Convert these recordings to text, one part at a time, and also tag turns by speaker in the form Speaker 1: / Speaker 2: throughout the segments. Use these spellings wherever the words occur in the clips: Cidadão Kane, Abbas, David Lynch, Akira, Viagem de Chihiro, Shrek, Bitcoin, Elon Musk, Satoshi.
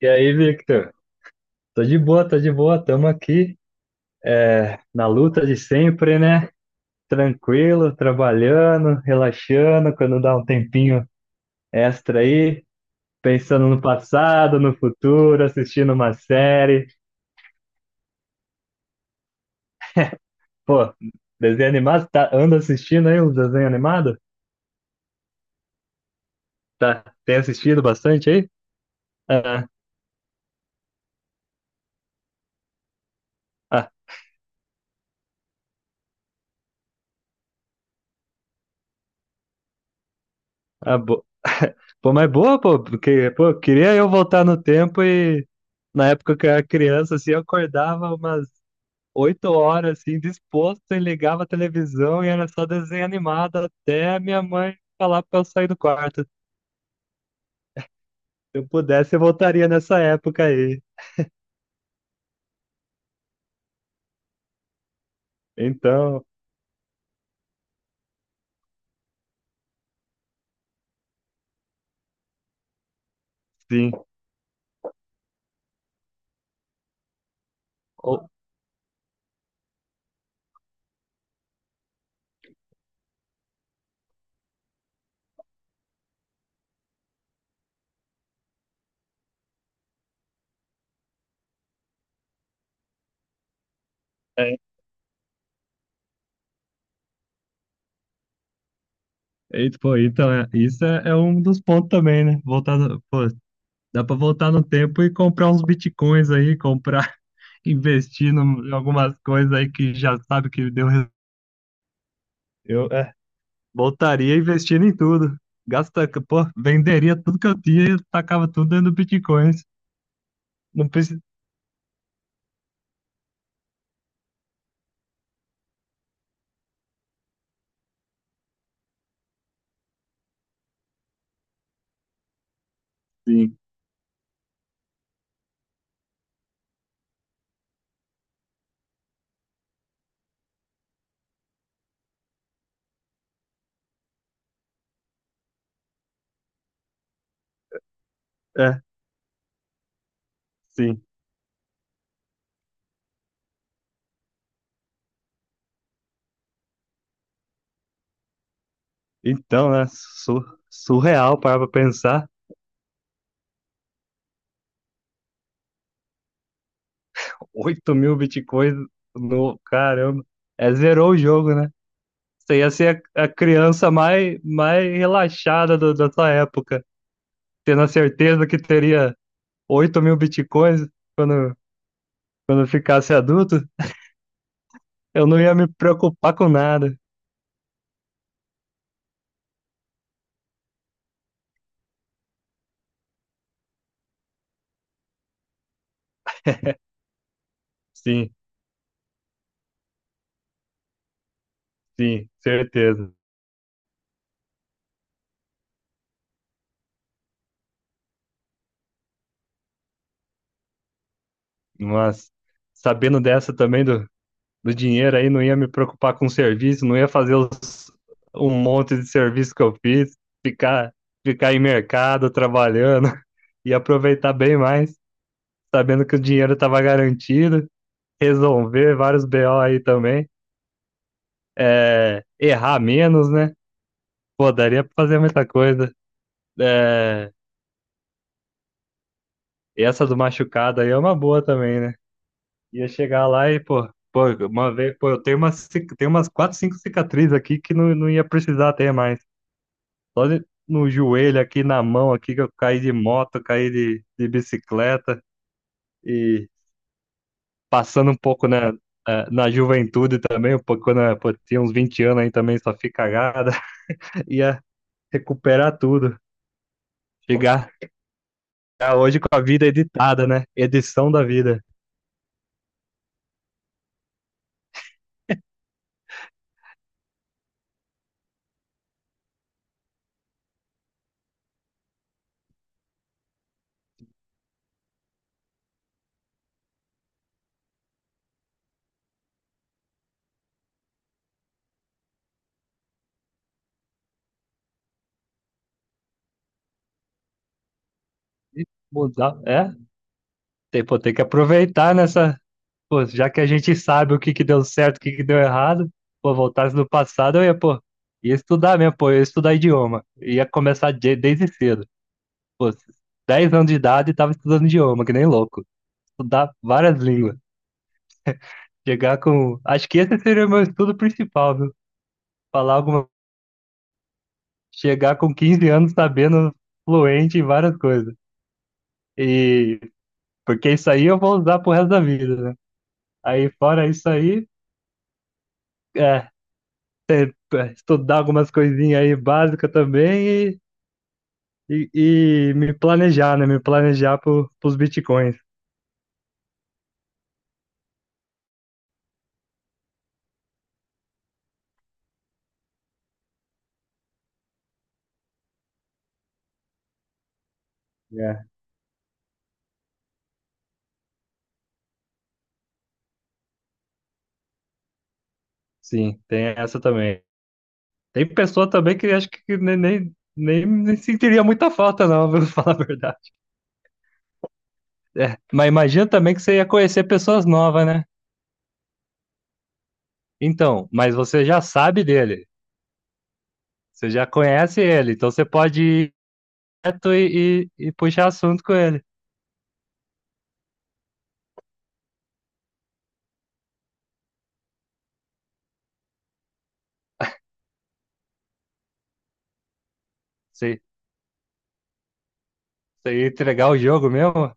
Speaker 1: E aí, Victor? Tô de boa, tamo aqui na luta de sempre, né? Tranquilo, trabalhando, relaxando, quando dá um tempinho extra aí, pensando no passado, no futuro, assistindo uma série. Pô, desenho animado, tá, anda assistindo aí os desenhos animados? Tá, tem assistido bastante aí? Ah, ah, ah, bo... Pô, mas boa, pô, porque, pô, queria eu voltar no tempo e na época que eu era criança, assim, eu acordava umas 8 horas, assim, disposto, e ligava a televisão e era só desenho animado até minha mãe falar pra eu sair do quarto. Se eu pudesse, eu voltaria nessa época aí. Então, sim. O- é, e, pô, então, isso é um dos pontos também, né? Voltar, pô, dá pra voltar no tempo e comprar uns bitcoins aí, comprar, investir em algumas coisas aí que já sabe que deu. Eu, voltaria investindo em tudo. Gasta, pô, venderia tudo que eu tinha e tacava tudo dentro do Bitcoin. Não precisa. Sim, é, sim. Então, né? Surreal parar pra pensar. 8 mil bitcoins no. Caramba. É, zerou o jogo, né? Você ia ser a criança mais, mais relaxada da sua época, tendo a certeza que teria 8 mil bitcoins quando, quando ficasse adulto. Eu não ia me preocupar com nada. Sim, sim, certeza. Mas sabendo dessa também do dinheiro aí, não ia me preocupar com serviço, não ia fazer um monte de serviço que eu fiz, ficar, ficar em mercado trabalhando, e aproveitar bem mais, sabendo que o dinheiro estava garantido, resolver vários BO aí também, é, errar menos, né? Pô, daria pra fazer muita coisa. É, e essa do machucado aí é uma boa também, né? Ia chegar lá e, pô, pô, uma vez, pô, eu tenho umas, tenho umas quatro, cinco cicatrizes aqui que não, não ia precisar ter mais. Só no joelho aqui, na mão aqui, que eu caí de moto, caí de bicicleta e passando um pouco na juventude também, um pouco quando eu pô, tinha uns 20 anos aí também, só fiz cagada, ia recuperar tudo, chegar chegar hoje com a vida editada, né? Edição da vida. E mudar, é, tem, pô, tem que aproveitar nessa, pô, já que a gente sabe o que que deu certo, o que que deu errado, pô, voltasse no passado, eu ia, pô, ia estudar mesmo, pô, eu ia estudar idioma, ia começar desde cedo. Pô, 10 anos de idade e tava estudando idioma, que nem louco. Estudar várias línguas. Chegar com. Acho que esse seria o meu estudo principal, viu? Falar alguma. Chegar com 15 anos sabendo fluente em várias coisas. E. Porque isso aí eu vou usar pro resto da vida, né? Aí, fora isso aí, é. é, Estudar algumas coisinhas aí básicas também e me planejar, né? Me planejar pros bitcoins. É, sim, tem essa também. Tem pessoa também que acho que nem sentiria muita falta, não, vou falar a verdade. Mas imagina também que você ia conhecer pessoas novas, né? Então, mas você já sabe dele, você já conhece ele, então você pode ir direto e puxar assunto com ele. Você, você ia entregar o jogo mesmo,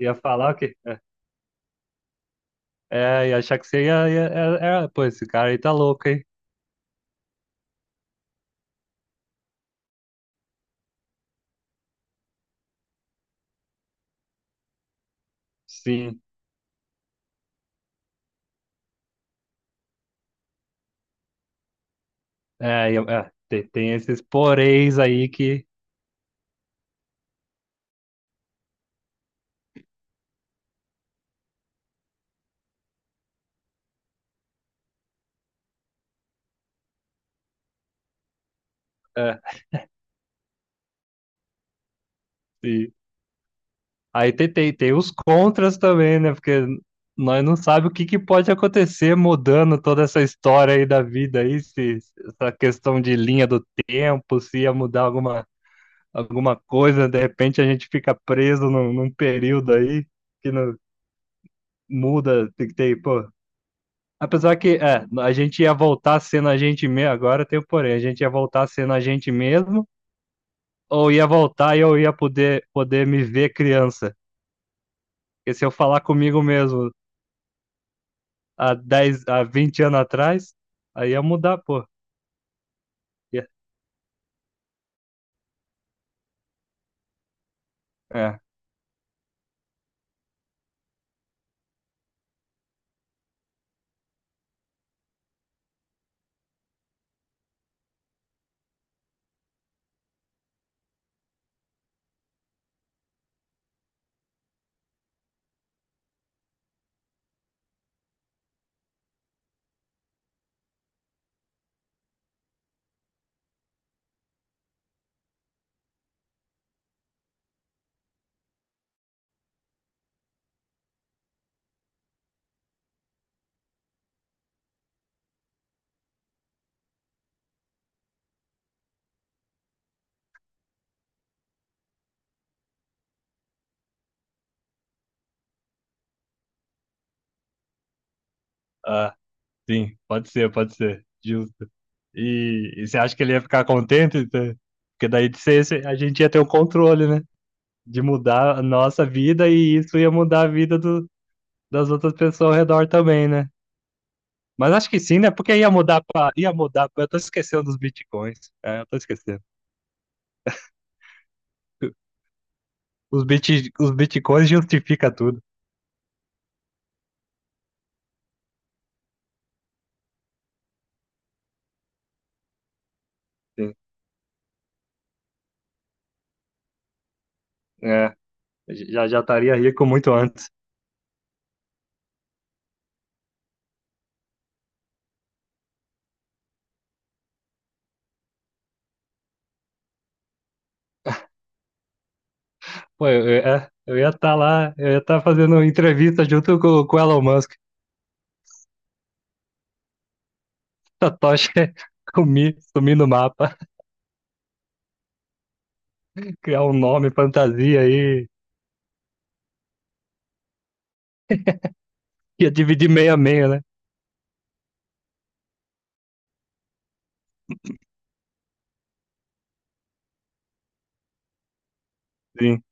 Speaker 1: ia falar o quê? É, é, ia achar que você ia, ia, é, é, pô, esse cara aí tá louco, hein? Sim, é, é, tem, tem esses poréns aí que. É, aí tem, tem, tem os contras também, né? Porque nós não sabemos o que, que pode acontecer mudando toda essa história aí da vida aí, se essa questão de linha do tempo, se ia mudar alguma coisa, de repente a gente fica preso num período aí que não muda, tem que ter, pô. Apesar que é, a gente ia voltar sendo a gente mesmo, agora tem o porém, a gente ia voltar sendo a gente mesmo, ou ia voltar e eu ia poder me ver criança. Porque se eu falar comigo mesmo, há 10 há 20 anos atrás, aí ia mudar, pô. Ia- É, Ah, sim, pode ser, justo. E você acha que ele ia ficar contente? Tá? Porque daí de ser, a gente ia ter o controle, né? De mudar a nossa vida e isso ia mudar a vida das outras pessoas ao redor também, né? Mas acho que sim, né? Porque ia mudar pra, eu tô esquecendo dos bitcoins. É, eu tô esquecendo. Os bit, os bitcoins justifica tudo. Sim. É, já já estaria rico muito antes. Pô, eu, é, eu ia estar lá, eu ia estar fazendo entrevista junto com o Elon Musk. Satoshi sumir, sumir no mapa, criar um nome fantasia aí, ia dividir meio a meio, né? Sim.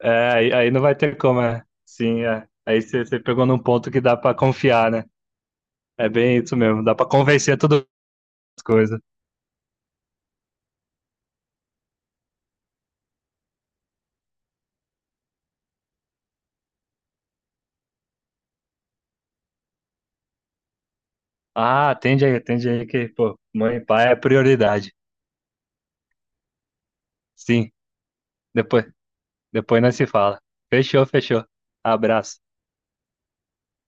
Speaker 1: É, aí, aí não vai ter como, é. Sim, é. Aí você pegou num ponto que dá pra confiar, né? É bem isso mesmo, dá pra convencer todas as coisas. Ah, atende aí que, pô, mãe e pai é prioridade. Sim, depois, depois nós se fala. Fechou, fechou. Abraço.